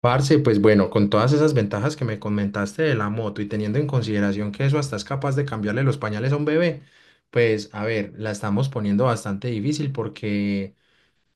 Parce, pues bueno, con todas esas ventajas que me comentaste de la moto y teniendo en consideración que eso hasta es capaz de cambiarle los pañales a un bebé, pues a ver, la estamos poniendo bastante difícil porque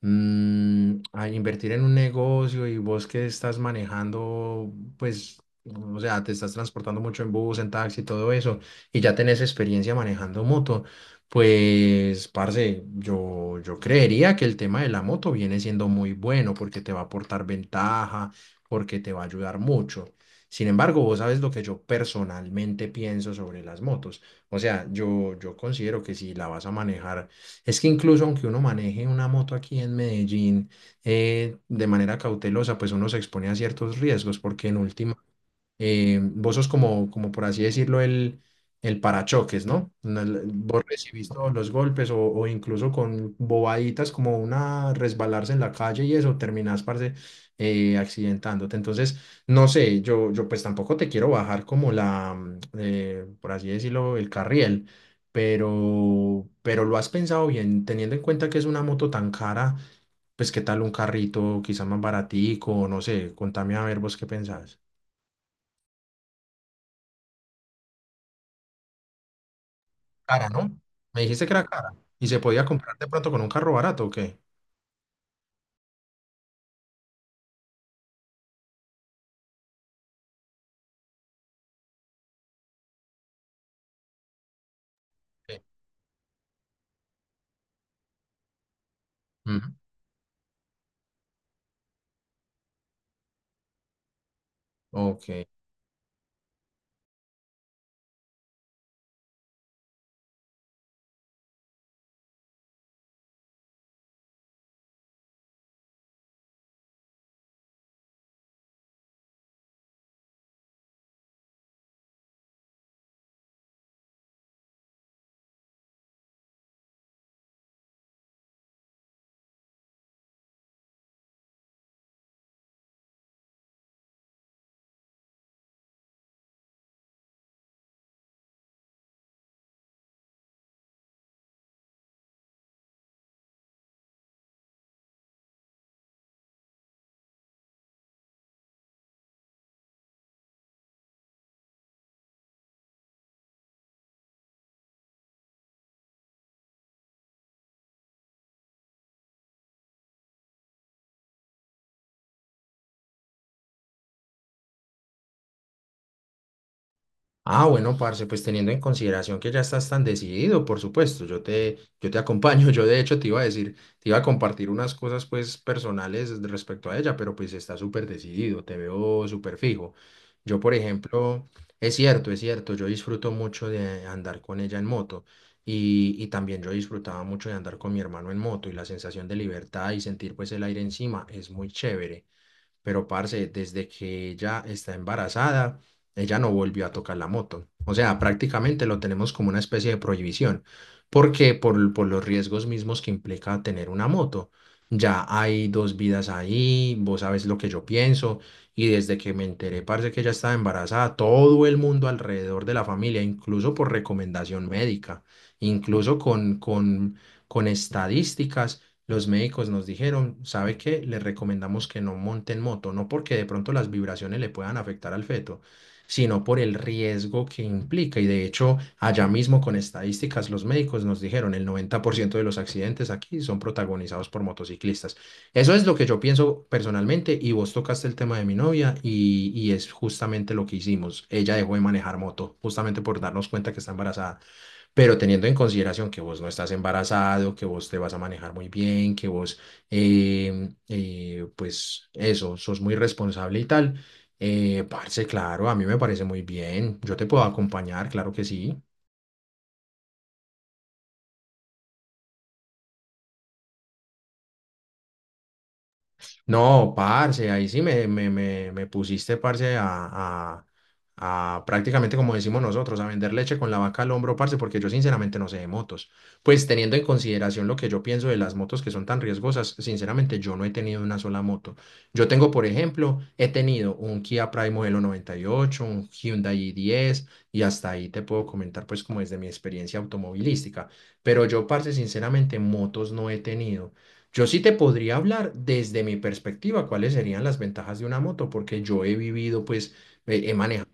a invertir en un negocio y vos que estás manejando, pues, o sea, te estás transportando mucho en bus, en taxi, todo eso, y ya tenés experiencia manejando moto, pues, parce, yo creería que el tema de la moto viene siendo muy bueno porque te va a aportar ventaja, porque te va a ayudar mucho. Sin embargo, vos sabes lo que yo personalmente pienso sobre las motos. O sea, yo considero que si la vas a manejar es que incluso aunque uno maneje una moto aquí en Medellín de manera cautelosa, pues uno se expone a ciertos riesgos, porque en última vos sos como, como por así decirlo, el parachoques, ¿no? No, vos recibís todos los golpes o incluso con bobaditas como una resbalarse en la calle y eso, terminás, parce, accidentándote. Entonces, no sé, yo pues tampoco te quiero bajar como la, por así decirlo, el carriel. Pero lo has pensado bien, teniendo en cuenta que es una moto tan cara, pues qué tal un carrito, quizá más baratico, no sé, contame a ver vos qué pensás. Cara, ¿no? Me dijiste que era cara. ¿Y se podía comprar de pronto con un carro barato o qué? Sí. Ujú. Ok. Ah, bueno, parce, pues teniendo en consideración que ya estás tan decidido, por supuesto, yo te acompaño. Yo de hecho te iba a decir, te iba a compartir unas cosas pues personales respecto a ella, pero pues está súper decidido, te veo súper fijo. Yo, por ejemplo, es cierto, yo disfruto mucho de andar con ella en moto y también yo disfrutaba mucho de andar con mi hermano en moto y la sensación de libertad y sentir pues el aire encima es muy chévere pero parce, desde que ella está embarazada, ella no volvió a tocar la moto. O sea, prácticamente lo tenemos como una especie de prohibición, porque por los riesgos mismos que implica tener una moto. Ya hay dos vidas ahí, vos sabes lo que yo pienso, y desde que me enteré, parce, que ella estaba embarazada, todo el mundo alrededor de la familia, incluso por recomendación médica, incluso con estadísticas los médicos nos dijeron, ¿sabe qué? Le recomendamos que no monten moto, no porque de pronto las vibraciones le puedan afectar al feto, sino por el riesgo que implica. Y de hecho, allá mismo con estadísticas, los médicos nos dijeron, el 90% de los accidentes aquí son protagonizados por motociclistas. Eso es lo que yo pienso personalmente y vos tocaste el tema de mi novia y es justamente lo que hicimos. Ella dejó de manejar moto, justamente por darnos cuenta que está embarazada pero teniendo en consideración que vos no estás embarazado, que vos te vas a manejar muy bien, que vos, pues eso, sos muy responsable y tal, parce, claro, a mí me parece muy bien, yo te puedo acompañar, claro que sí. No, parce, ahí sí me pusiste, parce, a prácticamente como decimos nosotros, a vender leche con la vaca al hombro, parce, porque yo sinceramente no sé de motos. Pues teniendo en consideración lo que yo pienso de las motos que son tan riesgosas, sinceramente yo no he tenido una sola moto. Yo tengo, por ejemplo, he tenido un Kia Pride modelo 98, un Hyundai i10 y hasta ahí te puedo comentar pues como desde mi experiencia automovilística. Pero yo, parce, sinceramente motos no he tenido. Yo sí te podría hablar desde mi perspectiva cuáles serían las ventajas de una moto, porque yo he vivido, pues, he manejado.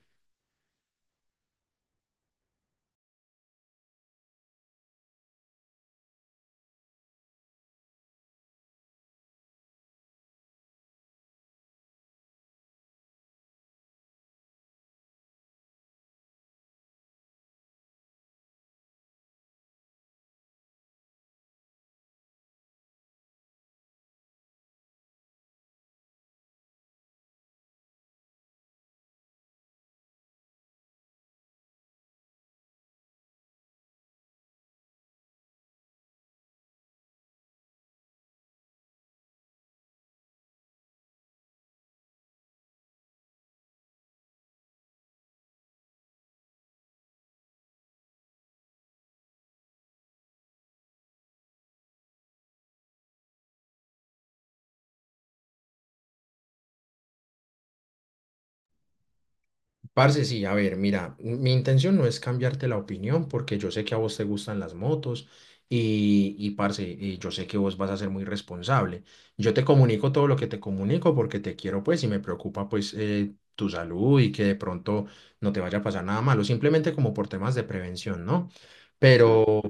Parce, sí, a ver, mira, mi intención no es cambiarte la opinión, porque yo sé que a vos te gustan las motos y parce, yo sé que vos vas a ser muy responsable. Yo te comunico todo lo que te comunico porque te quiero, pues, y me preocupa, pues, tu salud y que de pronto no te vaya a pasar nada malo, simplemente como por temas de prevención, ¿no? Claro. Pero,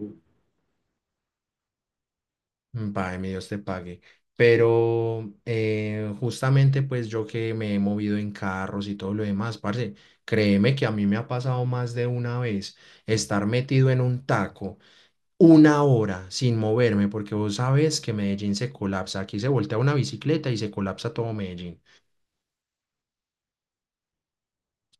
págame, Dios te pague. Pero justamente pues yo que me he movido en carros y todo lo demás, parce, créeme que a mí me ha pasado más de una vez estar metido en un taco una hora sin moverme, porque vos sabes que Medellín se colapsa, aquí se voltea una bicicleta y se colapsa todo Medellín.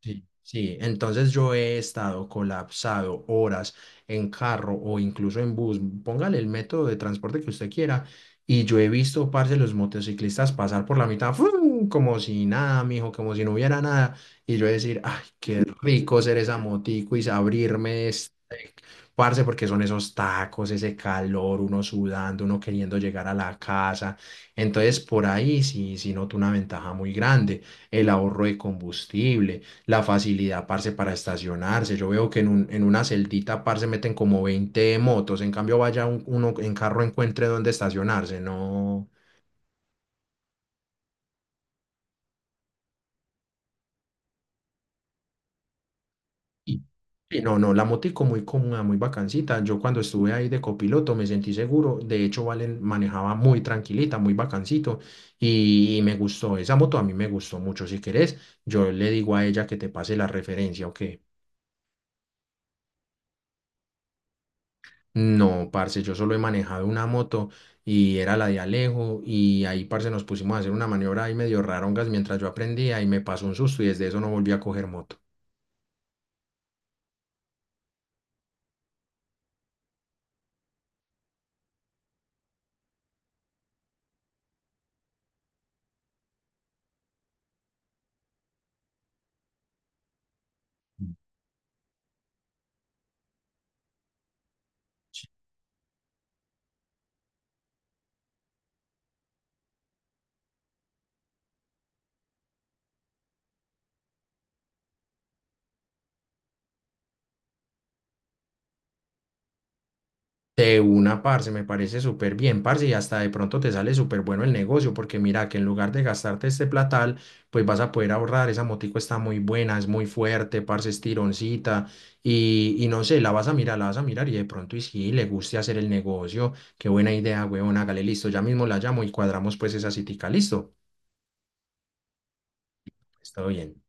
Sí, sí, entonces yo he estado colapsado horas en carro o incluso en bus, póngale el método de transporte que usted quiera, y yo he visto, parce, los motociclistas pasar por la mitad, ¡fum! Como si nada, mijo, como si no hubiera nada, y yo decir, ay, qué rico ser esa motico y abrirme. Parce, porque son esos tacos, ese calor, uno sudando, uno queriendo llegar a la casa. Entonces, por ahí sí, sí noto una ventaja muy grande. El ahorro de combustible, la facilidad, parce, para estacionarse. Yo veo que en una celdita, parce, meten como 20 motos. En cambio, vaya uno en carro encuentre dónde estacionarse. No. Y, y no, la motico muy cómoda, muy bacancita. Yo cuando estuve ahí de copiloto me sentí seguro. De hecho, Valen manejaba muy tranquilita, muy bacancito. Y me gustó, esa moto a mí me gustó mucho. Si querés, yo le digo a ella que te pase la referencia, ¿o qué? No, parce, yo solo he manejado una moto y era la de Alejo. Y ahí, parce, nos pusimos a hacer una maniobra ahí medio rarongas mientras yo aprendía y me pasó un susto y desde eso no volví a coger moto. De una, parce, me parece súper bien, parce, y hasta de pronto te sale súper bueno el negocio, porque mira que en lugar de gastarte este platal, pues vas a poder ahorrar, esa motico está muy buena, es muy fuerte, parce, es tironcita, y no sé, la vas a mirar, la vas a mirar, y de pronto y sí, le guste hacer el negocio, qué buena idea, weón hágale, listo, ya mismo la llamo y cuadramos pues esa citica, listo, está bien.